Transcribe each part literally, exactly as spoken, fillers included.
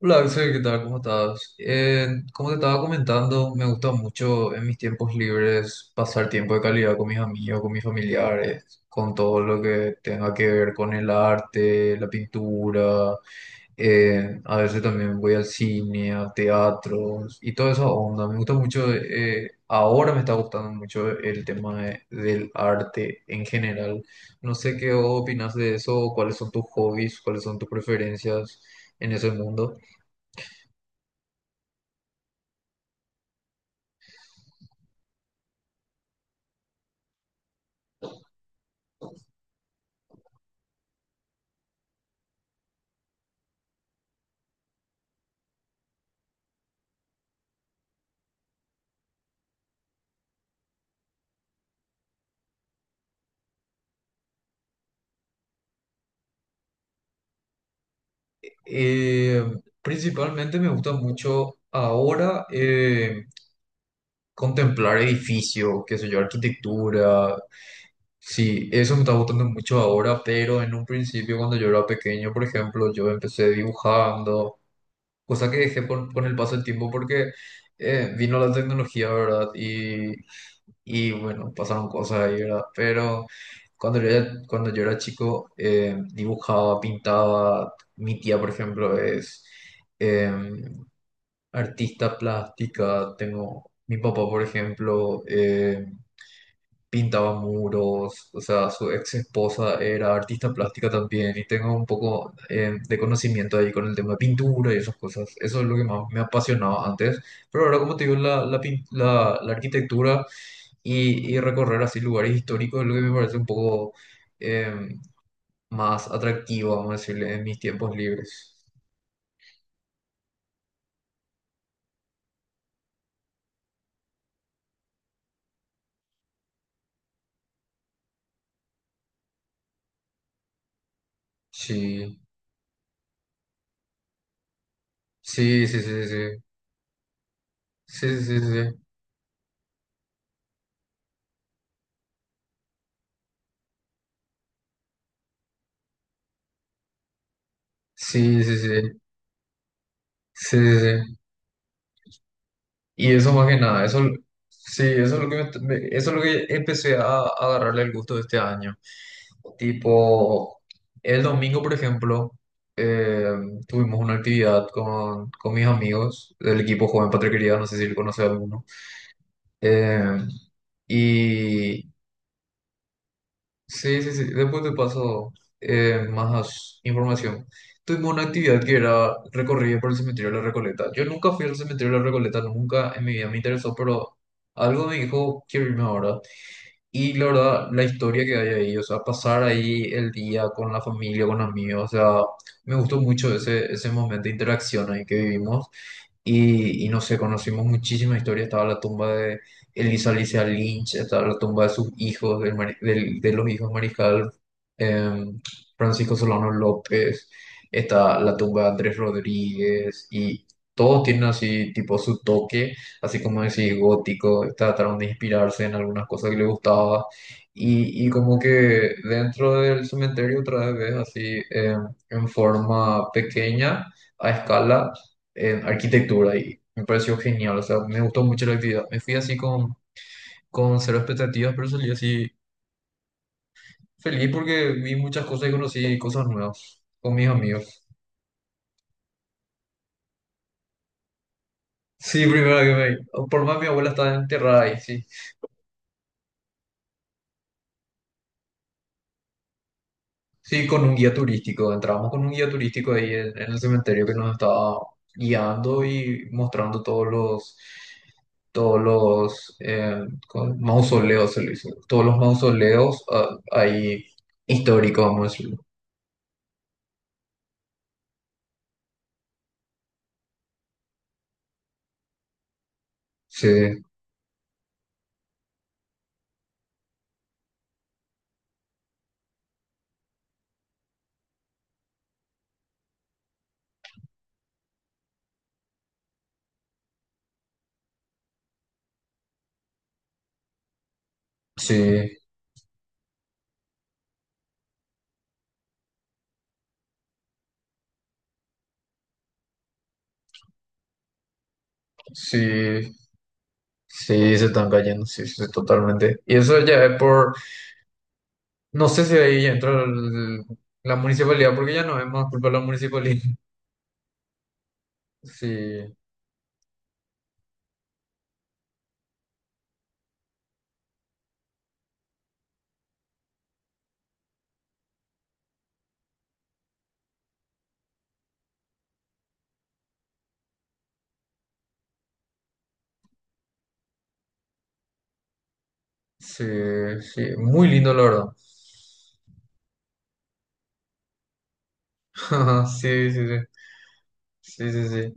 Hola Axel, ¿qué tal? ¿Cómo estás? Eh, como te estaba comentando, me gusta mucho en mis tiempos libres pasar tiempo de calidad con mis amigos, con mis familiares, con todo lo que tenga que ver con el arte, la pintura. Eh, a veces también voy al cine, a teatros y toda esa onda. Me gusta mucho, eh, ahora me está gustando mucho el tema de- del arte en general. No sé qué opinas de eso, cuáles son tus hobbies, cuáles son tus preferencias en ese mundo. Eh, Principalmente me gusta mucho ahora, eh, contemplar edificios, qué sé yo, arquitectura. Sí, eso me está gustando mucho ahora, pero en un principio cuando yo era pequeño, por ejemplo, yo empecé dibujando. Cosa que dejé por- con el paso del tiempo porque eh, vino la tecnología, ¿verdad? Y y bueno, pasaron cosas ahí, ¿verdad? Pero cuando yo era, cuando yo era chico, eh, dibujaba, pintaba. Mi tía, por ejemplo, es, em, artista plástica. Tengo mi papá, por ejemplo, eh, pintaba muros, o sea, su ex esposa era artista plástica también, y tengo un poco eh, de conocimiento ahí con el tema de pintura y esas cosas. Eso es lo que más me apasionaba antes, pero ahora, como te digo, la, la, pin- la- la arquitectura y, y recorrer así lugares históricos es lo que me parece un poco eh, más atractivo, vamos a decirle, en mis tiempos libres. Sí, sí, sí, sí, sí. Sí, sí, sí, sí, sí, sí, sí, sí, sí. Sí. Y eso más que nada, eso, sí, eso es lo que, me- me- eso es lo que empecé a, a agarrarle el gusto de este año. Tipo, el domingo, por ejemplo, eh, tuvimos una actividad con, con mis amigos del equipo Joven Patriquería, no sé si lo conoce alguno. Eh, y sí, sí, sí. Después te paso eh, más información. Tuvimos una actividad que era recorrida por el cementerio de la Recoleta. Yo nunca fui al cementerio de la Recoleta, nunca en mi vida me interesó, pero algo me dijo, quiero irme ahora. Y la verdad, la historia que hay ahí, o sea, pasar ahí el día con la familia, con amigos, o sea, me gustó mucho ese ese momento de interacción ahí que vivimos. Y, y no sé, conocimos muchísimas historias. Estaba la tumba de Elisa Alicia Lynch, estaba la tumba de sus hijos, del, mari- del- de los hijos Mariscal eh, Francisco Solano López, está la tumba de Andrés Rodríguez, y todos tienen así, tipo, su toque, así como decir, gótico. Trataron de inspirarse en algunas cosas que les gustaba. Y y como que dentro del cementerio otra vez ves así, eh, en forma pequeña, a escala, en arquitectura, y me pareció genial, o sea, me gustó mucho la actividad. Me fui así con, con cero expectativas, pero salí así feliz porque vi muchas cosas y conocí cosas nuevas con mis amigos. Sí, primero que me... Por más mi abuela está enterrada ahí, sí. Sí, con un guía turístico. Entramos con un guía turístico ahí en, en el cementerio que nos estaba guiando y mostrando todos los... Todos los eh, con- mausoleos, se le dice. Todos los mausoleos ah, ahí históricos, vamos a decirlo. Sí. Sí, sí, sí, se están cayendo, sí, sí, totalmente. Y eso ya es por, no sé si ahí entra el- la municipalidad, porque ya no es más culpa de la municipalidad. Sí, sí, sí, muy lindo, la verdad. Sí, sí, sí, sí, sí,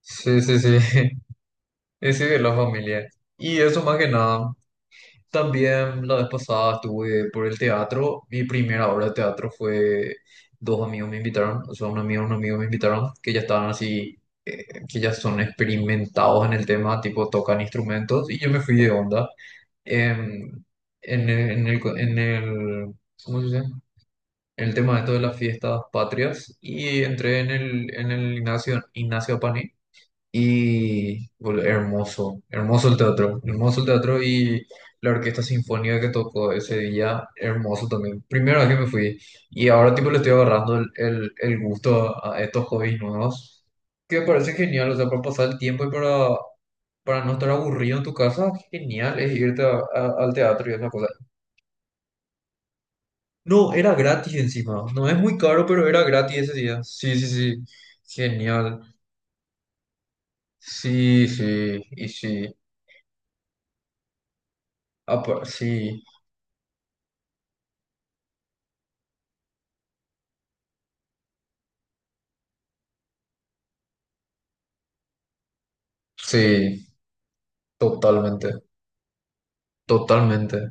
sí, sí, sí, sí. Sí. Ese de la familia. Y eso más que nada. También la vez pasada estuve por el teatro. Mi primera obra de teatro fue, dos amigos me invitaron, o sea, un amigo y un amigo me invitaron, que ya estaban así, eh, que ya son experimentados en el tema, tipo tocan instrumentos, y yo me fui de onda. Em, en, el, en el, co- en el- ¿Cómo se dice? En el tema de esto de las fiestas patrias, y entré en el, en el Ignacio, Ignacio Paní, y bol- hermoso, hermoso el teatro, hermoso el teatro, y la orquesta sinfónica que tocó ese día, hermoso también. Primera vez que me fui, y ahora tipo le estoy agarrando el, el- el gusto a, a estos hobbies nuevos, que me parece genial, o sea, para pasar el tiempo y para, para no estar aburrido en tu casa. Genial es irte a- a- al teatro y esa cosa. No, era gratis encima, no es muy caro, pero era gratis ese día. Sí, sí, sí, genial. Sí, sí, y sí. Ah, pa- sí, sí, totalmente, totalmente.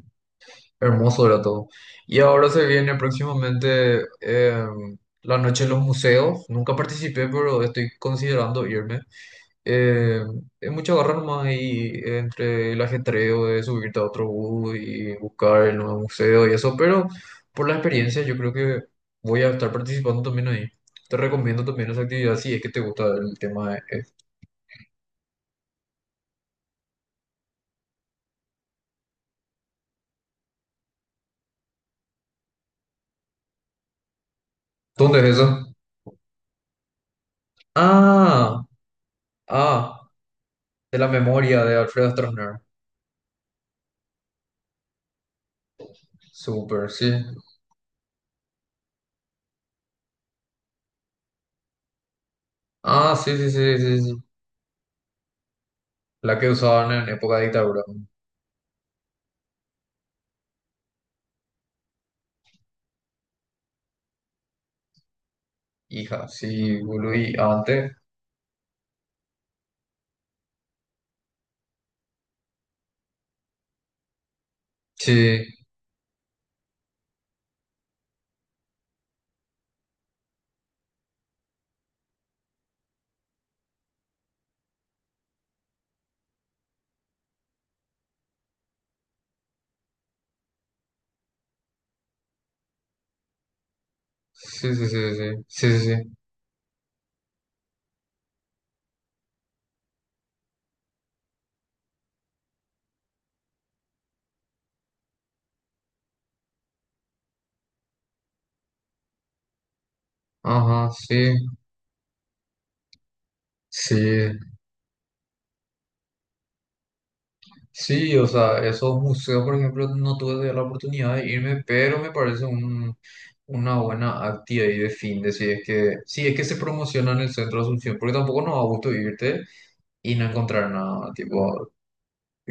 Hermoso era todo. Y ahora se viene próximamente, em, la noche en los museos. Nunca participé, pero estoy considerando irme. Em, es mucha garra nomás ahí entre el ajetreo de subirte a otro bus y buscar el nuevo museo y eso, pero por la experiencia yo creo que voy a estar participando también ahí. Te recomiendo también esa actividad si es que te gusta el tema. eh. eh. ¿Dónde es eso? Ah. Ah, de la memoria de Alfredo Stroessner. Súper, sí. Ah, sí, sí, sí, sí, sí. La que usaban en época de dictadura. Hija, sí, boludo, y antes. Sí, sí, sí, sí, sí, sí, sí, sí. Ajá, sí, sí. Sí, o sea, esos museos, por ejemplo, no tuve la oportunidad de irme, pero me parece un, una buena actividad y de fin de, si es que, si es que se promociona en el centro de Asunción, porque tampoco nos da gusto irte y no encontrar nada, tipo,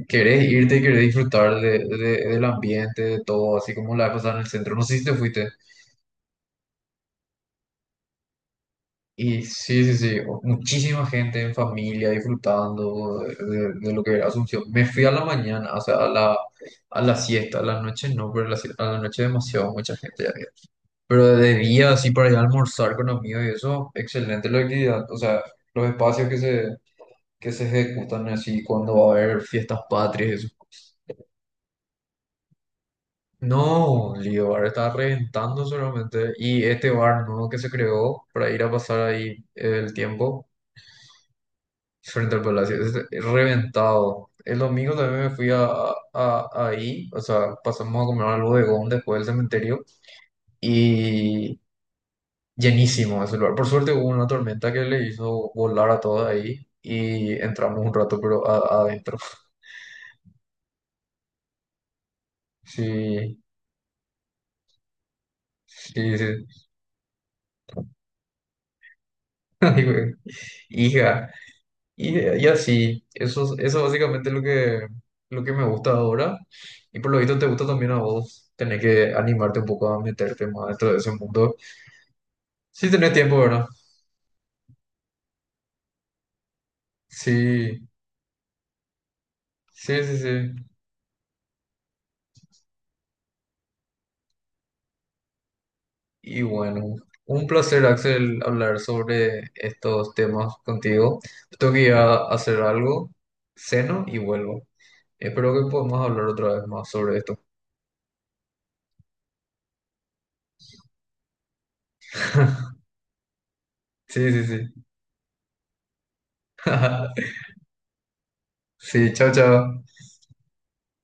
querés irte, querés disfrutar de, de- del ambiente, de todo, así como la vez pasada en el centro. No sé si te fuiste. Y sí, sí, sí, o- muchísima gente en familia disfrutando de, de- de- lo que era Asunción. Me fui a la mañana, o sea, a la, a la siesta, a la noche no, pero a la, sie- a la noche demasiado mucha gente ya había. Pero de día, así para ir a almorzar con amigos y eso, excelente la actividad. O sea, los espacios que se, que se ejecutan así cuando va a haber fiestas patrias. No, Lido Bar está reventando solamente. Y este bar nuevo que se creó para ir a pasar ahí el tiempo frente al palacio, es reventado. El domingo también me fui a, a- ahí, o sea, pasamos a comer al bodegón después del cementerio, y llenísimo ese lugar. Por suerte hubo una tormenta que le hizo volar a todos ahí, y entramos un rato, pero a- adentro. Sí, sí, sí. Ay, güey. Hija. Y y así, eso, es- eso básicamente es lo que, lo que me gusta ahora. Y por lo visto te gusta también a vos, tener que animarte un poco a meterte más dentro de ese mundo. ¿Sí tenés tiempo, verdad? Sí, sí, sí, sí. Y bueno, un placer, Axel, hablar sobre estos temas contigo. Tengo que ir a hacer algo, ceno y vuelvo. Espero que podamos hablar otra vez más sobre esto. Sí, sí, sí. Sí, chao, chao.